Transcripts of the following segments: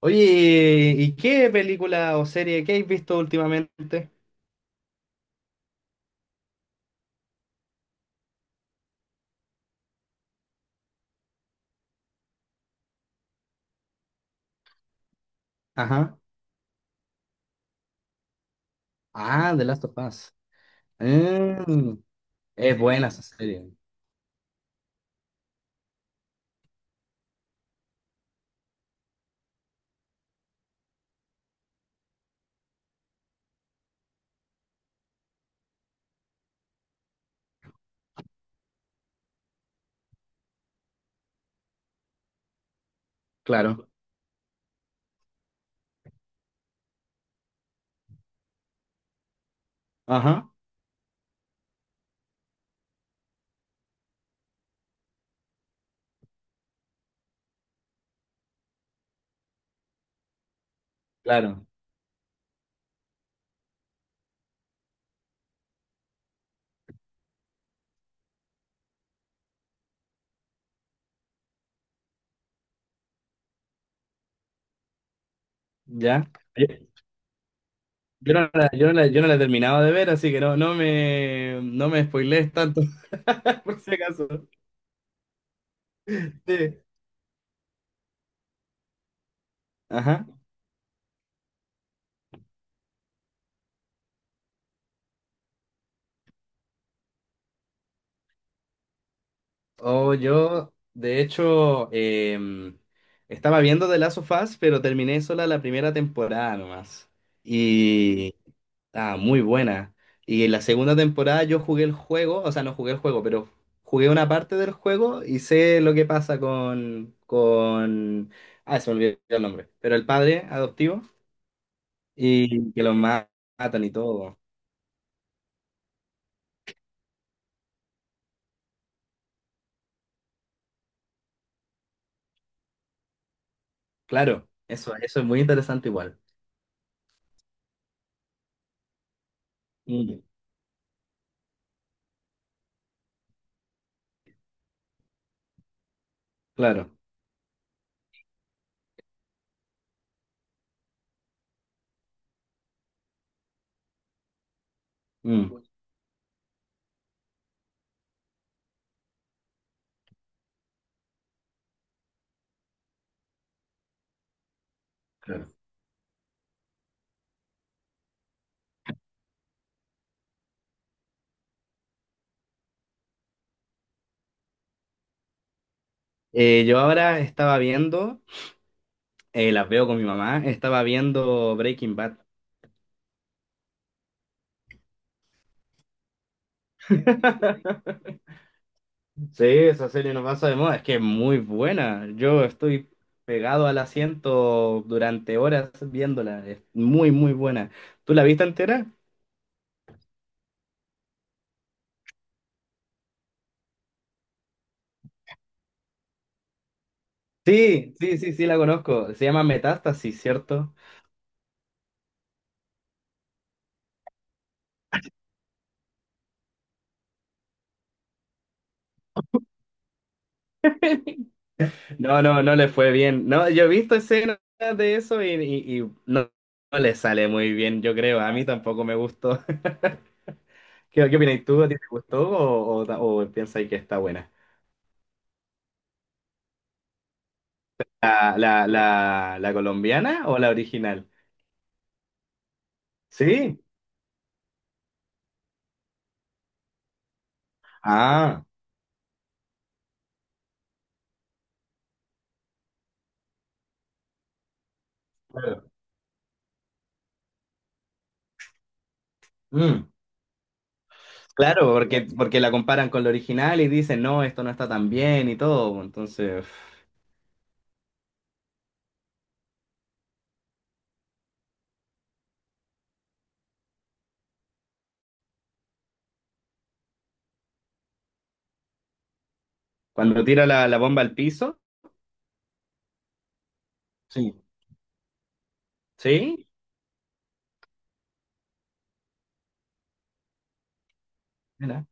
Oye, ¿y qué película o serie que has visto últimamente? Ajá. Ah, The Last of Us. Mm, es buena esa serie. Claro. Ajá, claro. Ya. Yo, yo no la, yo no la- yo no la he terminado de ver, así que no me spoilees tanto, por si acaso. Sí. Ajá. O yo, de hecho, estaba viendo The Last of Us, pero terminé sola la primera temporada nomás. Ah, muy buena. Y en la segunda temporada yo jugué el juego, o sea, no jugué el juego, pero jugué una parte del juego y sé lo que pasa con... Ah, se me olvidó el nombre. Pero el padre adoptivo y matan y todo. Claro, eso es muy interesante igual. Mm, claro. mm, claro. Yo ahora estaba viendo, las veo con mi mamá, estaba viendo Breaking Bad. Sí, esa serie no pasa de moda, es que es muy buena. Yo estoy pegado al asiento durante horas viéndola, es muy, muy buena. ¿Tú la viste entera? Sí, sí, sí, sí, la conozco. Se llama Metástasis, ¿cierto? No, no, no le fue bien. No, yo he visto escenas de y no, no le sale muy bien, yo creo. A mí tampoco me gustó. Qué opinas tú? ¿A ti te gustó o piensas que está buena? ¿La colombiana o la original? Sí. Ah, claro. Mm, claro, porque la comparan con la original y dicen, no, esto no está tan bien y todo. Entonces, uf, cuando tira la bomba al piso. Sí. ¿Sí? Mira.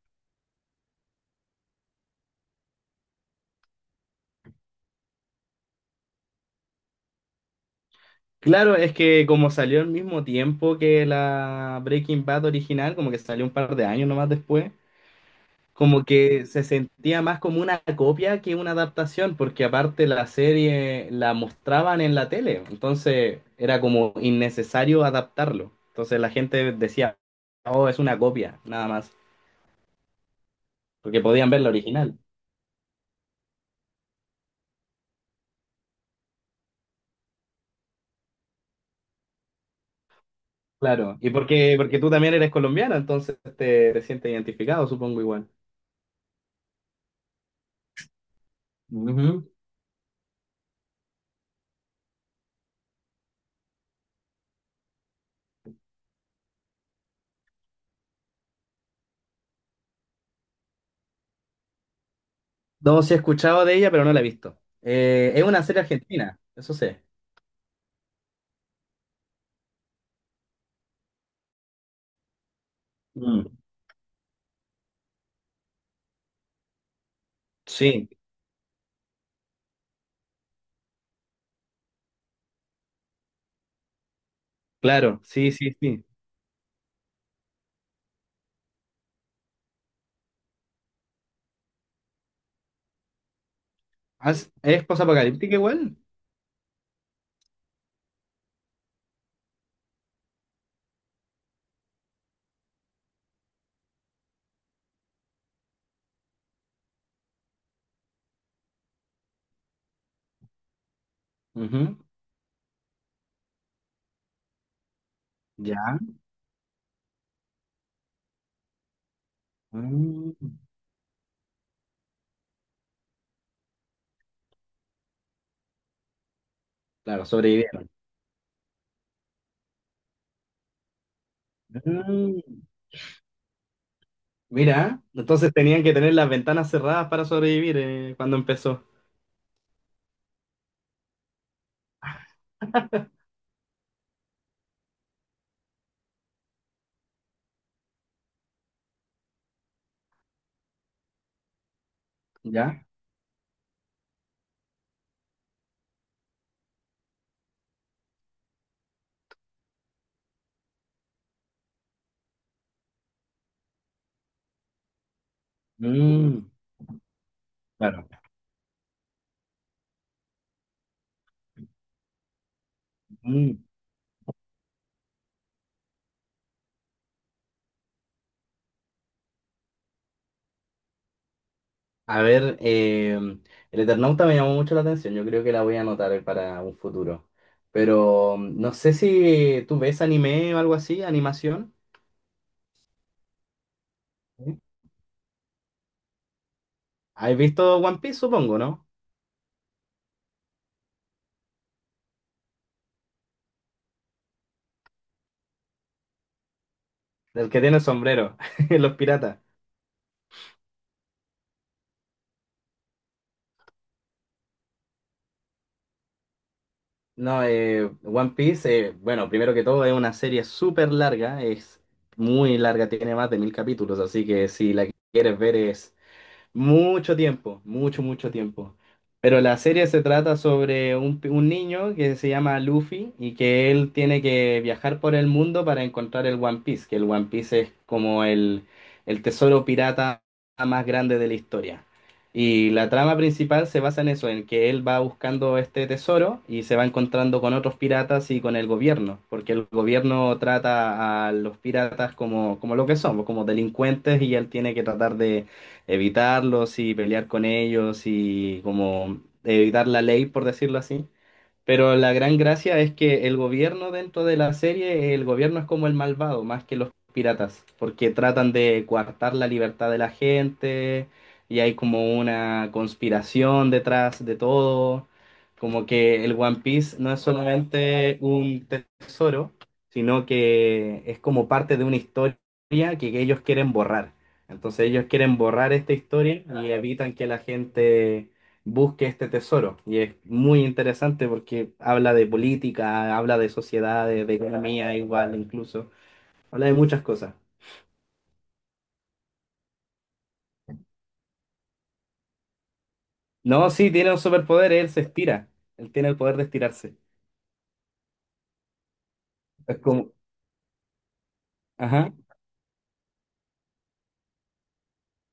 Claro, es que como salió al mismo tiempo que la Breaking Bad original, como que salió un par de años nomás después, como que se sentía más como una copia que una adaptación, porque aparte la serie la mostraban en la tele, entonces era como innecesario adaptarlo. Entonces la gente decía, oh, es una copia, nada más, porque podían ver la original. Claro, y porque tú también eres colombiana, entonces te sientes identificado, supongo igual. Ujú. No, sí he escuchado de ella, pero no la he visto. Es una serie argentina, eso sé. Mm. Sí, claro, sí, sí, sí. Es posapocalíptica igual? Ujú. Ya. Mm. Claro, sobrevivieron. Mm. Mira, entonces tenían que tener las ventanas cerradas para sobrevivir, cuando empezó. Ya. Mm. Claro. Mm. A ver, el Eternauta me llamó mucho la atención. Yo creo que la voy a anotar para un futuro. Pero mm, no sé si tú ves anime o algo así, animación. ¿Sí? ¿Has visto One Piece, supongo, ¿no? El que tiene el sombrero, los piratas. No, One Piece, bueno, primero que todo es una serie súper larga, es muy larga, tiene más de mil capítulos, así que si la quieres ver es mucho tiempo, mucho, mucho tiempo. Pero la serie se trata sobre un niño que se llama Luffy y que él tiene que viajar por el mundo para encontrar el One Piece, que el One Piece es como el tesoro pirata más grande de la historia. Y la trama principal se basa en eso, en que él va buscando este tesoro y se va encontrando con otros piratas y con el gobierno, porque el gobierno trata a los piratas como, como lo que son, como delincuentes y él tiene que tratar de evitarlos y pelear con ellos y como evitar la ley, por decirlo así. Pero la gran gracia es que el gobierno dentro de la serie, el gobierno es como el malvado, más que los piratas, porque tratan de coartar la libertad de la gente y hay como una conspiración detrás de todo, como que el One Piece no es solamente un tesoro, sino que es como parte de una historia que ellos quieren borrar. Entonces ellos quieren borrar esta historia y evitan que la gente busque este tesoro. Y es muy interesante porque habla de política, habla de sociedades, de economía igual, incluso. Habla de muchas cosas. No, sí, tiene un superpoder, él se estira. Él tiene el poder de estirarse. Es como... Ajá.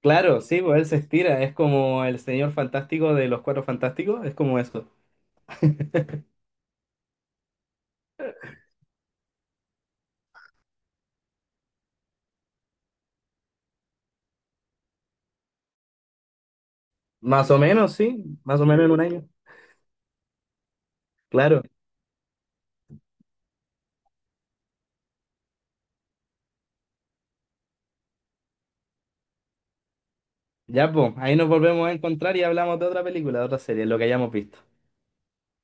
Claro, sí, pues él se estira. Es como el señor fantástico de los Cuatro Fantásticos. Es como eso. Más o menos, sí. Más o menos en un año. Claro. Ya, pues, ahí nos volvemos a encontrar y hablamos de otra película, de otra serie, lo que hayamos visto.